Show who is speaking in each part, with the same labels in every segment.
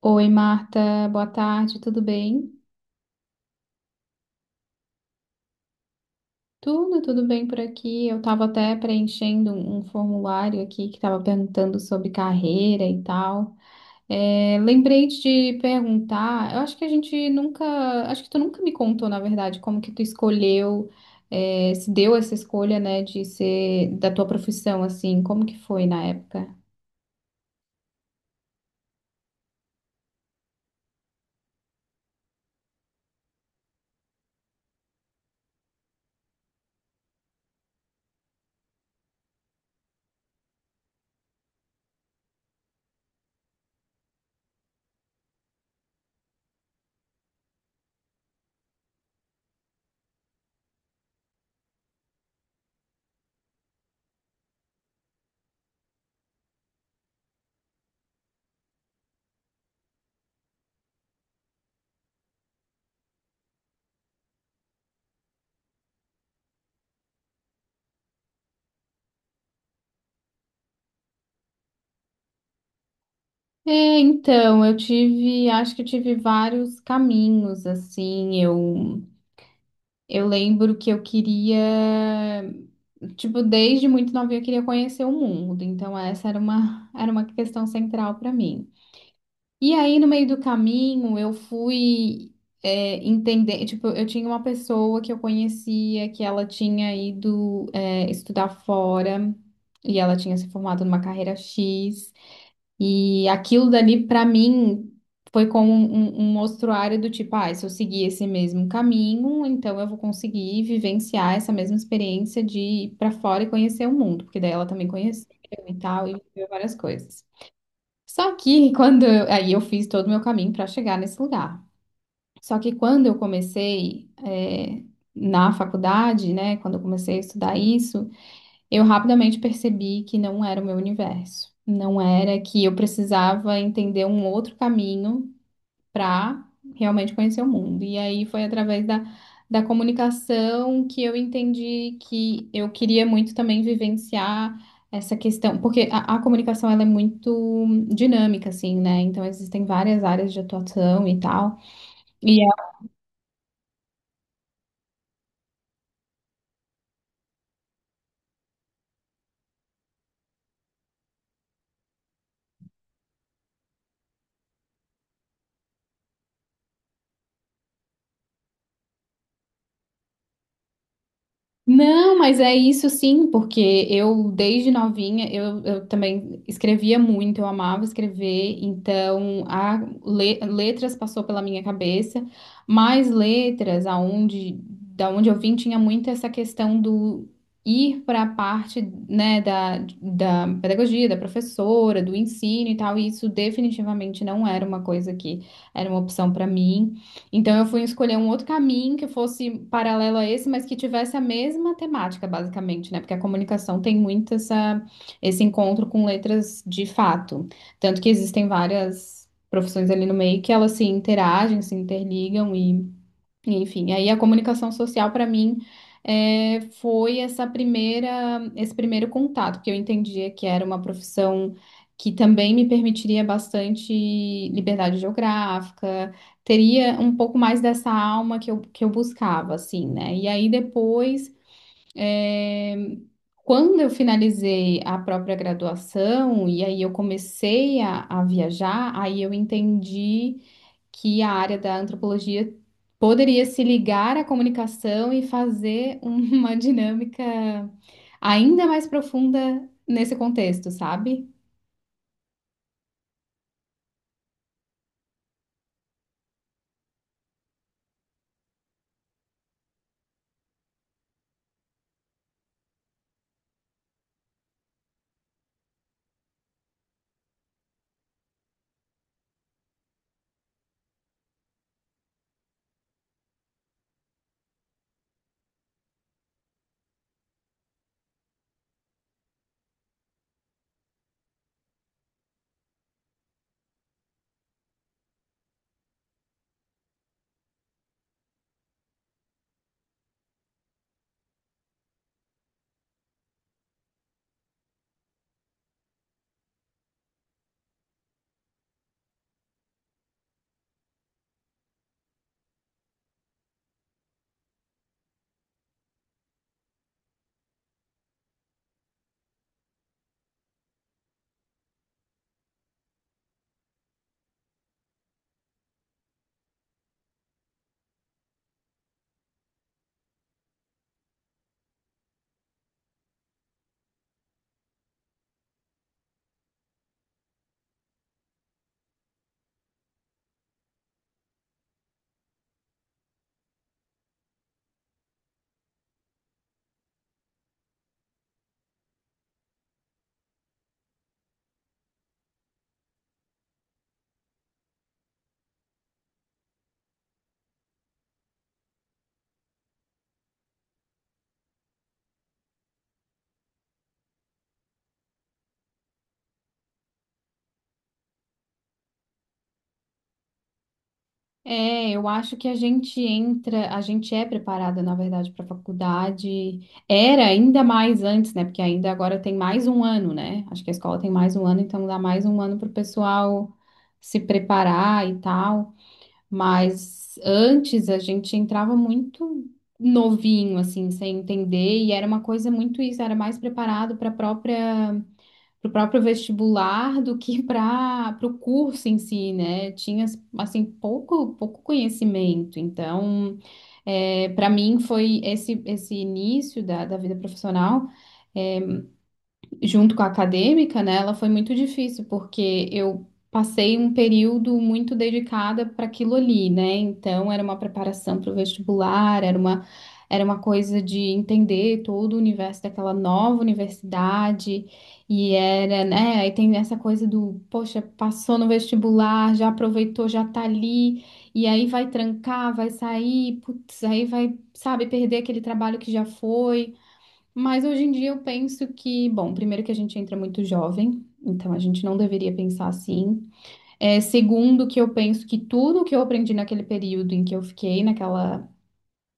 Speaker 1: Oi, Marta, boa tarde, tudo bem? Tudo bem por aqui. Eu estava até preenchendo um formulário aqui que estava perguntando sobre carreira e tal. É, lembrei de te perguntar, eu acho que a gente nunca, acho que tu nunca me contou, na verdade, como que tu escolheu, é, se deu essa escolha, né, de ser da tua profissão, assim, como que foi na época? É, então, eu tive, acho que eu tive vários caminhos, assim, eu. Eu lembro que eu queria, tipo, desde muito novinha eu queria conhecer o mundo, então essa era uma, era uma questão central para mim. E aí, no meio do caminho, eu fui, é, entender, tipo, eu tinha uma pessoa que eu conhecia que ela tinha ido, é, estudar fora e ela tinha se formado numa carreira X. E aquilo dali, para mim, foi como um, um mostruário do tipo, ah, se eu seguir esse mesmo caminho, então eu vou conseguir vivenciar essa mesma experiência de ir para fora e conhecer o mundo, porque daí ela também conheceu e tal, e viveu várias coisas. Só que quando eu, aí eu fiz todo o meu caminho para chegar nesse lugar. Só que quando eu comecei, na faculdade, né, quando eu comecei a estudar isso, eu rapidamente percebi que não era o meu universo. Não era que eu precisava entender um outro caminho para realmente conhecer o mundo. E aí foi através da comunicação que eu entendi que eu queria muito também vivenciar essa questão, porque a comunicação ela é muito dinâmica, assim, né? Então existem várias áreas de atuação e tal. E não, mas é isso sim, porque eu, desde novinha, eu também escrevia muito, eu amava escrever, então a le- letras passou pela minha cabeça, mas letras, aonde, da onde eu vim, tinha muito essa questão do ir para a parte, né, da pedagogia, da professora, do ensino e tal, e isso definitivamente não era uma coisa que era uma opção para mim. Então eu fui escolher um outro caminho que fosse paralelo a esse, mas que tivesse a mesma temática, basicamente, né? Porque a comunicação tem muito essa, esse encontro com letras de fato. Tanto que existem várias profissões ali no meio que elas se interagem, se interligam enfim, aí a comunicação social para mim é, foi essa primeira, esse primeiro contato, que eu entendia que era uma profissão que também me permitiria bastante liberdade geográfica, teria um pouco mais dessa alma que eu buscava, assim, né? E aí depois, é, quando eu finalizei a própria graduação, e aí eu comecei a viajar, aí eu entendi que a área da antropologia poderia se ligar à comunicação e fazer uma dinâmica ainda mais profunda nesse contexto, sabe? É, eu acho que a gente entra, a gente é preparada, na verdade, para a faculdade. Era ainda mais antes, né? Porque ainda agora tem mais um ano, né? Acho que a escola tem mais um ano, então dá mais um ano para o pessoal se preparar e tal. Mas antes a gente entrava muito novinho, assim, sem entender, e era uma coisa muito isso, era mais preparado para própria, para o próprio vestibular do que para o curso em si, né? Tinha, assim, pouco conhecimento. Então, é, para mim foi esse, esse início da vida profissional junto com a acadêmica, né, ela foi muito difícil, porque eu passei um período muito dedicada para aquilo ali, né? Então era uma preparação para o vestibular, era uma coisa de entender todo o universo daquela nova universidade e era, né, aí tem essa coisa do, poxa, passou no vestibular, já aproveitou, já tá ali, e aí vai trancar, vai sair, putz, aí vai, sabe, perder aquele trabalho que já foi. Mas hoje em dia eu penso que, bom, primeiro que a gente entra muito jovem, então a gente não deveria pensar assim. É, segundo que eu penso que tudo que eu aprendi naquele período em que eu fiquei naquela,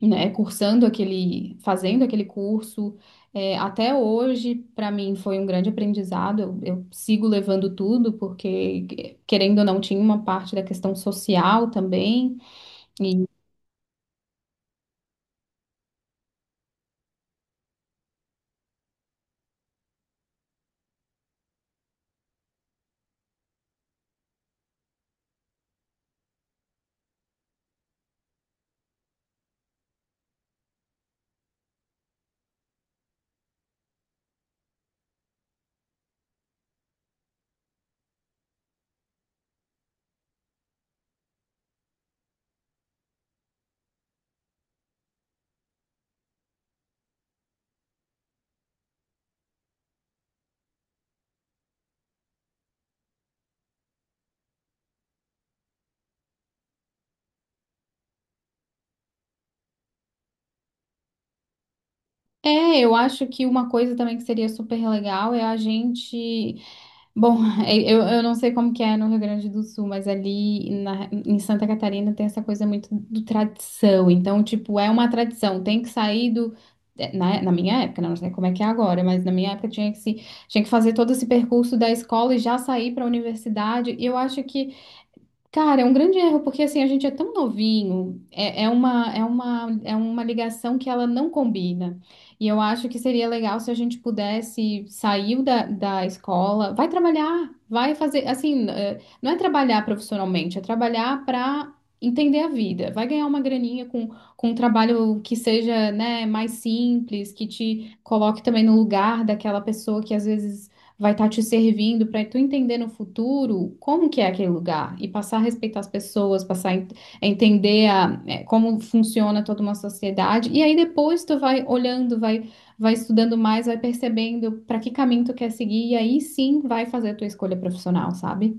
Speaker 1: né, cursando aquele, fazendo aquele curso, é, até hoje, para mim foi um grande aprendizado. Eu sigo levando tudo, porque querendo ou não, tinha uma parte da questão social também. E é, eu acho que uma coisa também que seria super legal é a gente bom, eu não sei como que é no Rio Grande do Sul, mas ali na- em Santa Catarina tem essa coisa muito do tradição. Então, tipo, é uma tradição. Tem que sair do. Na, na minha época, né, não sei como é que é agora, mas na minha época tinha que se, tinha que fazer todo esse percurso da escola e já sair para a universidade. E eu acho que cara, é um grande erro, porque assim, a gente é tão novinho, é, é uma, é uma ligação que ela não combina. E eu acho que seria legal se a gente pudesse sair da escola, vai trabalhar, vai fazer, assim, não é trabalhar profissionalmente, é trabalhar para entender a vida. Vai ganhar uma graninha com um trabalho que seja, né, mais simples, que te coloque também no lugar daquela pessoa que às vezes vai estar te servindo para tu entender no futuro como que é aquele lugar e passar a respeitar as pessoas, passar a en- a entender a- é, como funciona toda uma sociedade. E aí depois tu vai olhando, vai, vai estudando mais, vai percebendo para que caminho tu quer seguir e aí sim vai fazer a tua escolha profissional, sabe?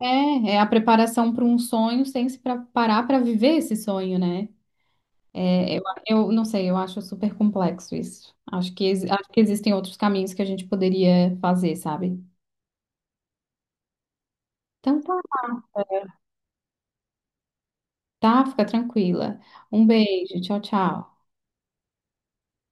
Speaker 1: É, é a preparação para um sonho sem se preparar para viver esse sonho, né? É, eu, eu não sei, eu acho super complexo isso. Acho que, ex- acho que existem outros caminhos que a gente poderia fazer, sabe? Então tá, tá, fica tranquila. Um beijo, tchau, tchau.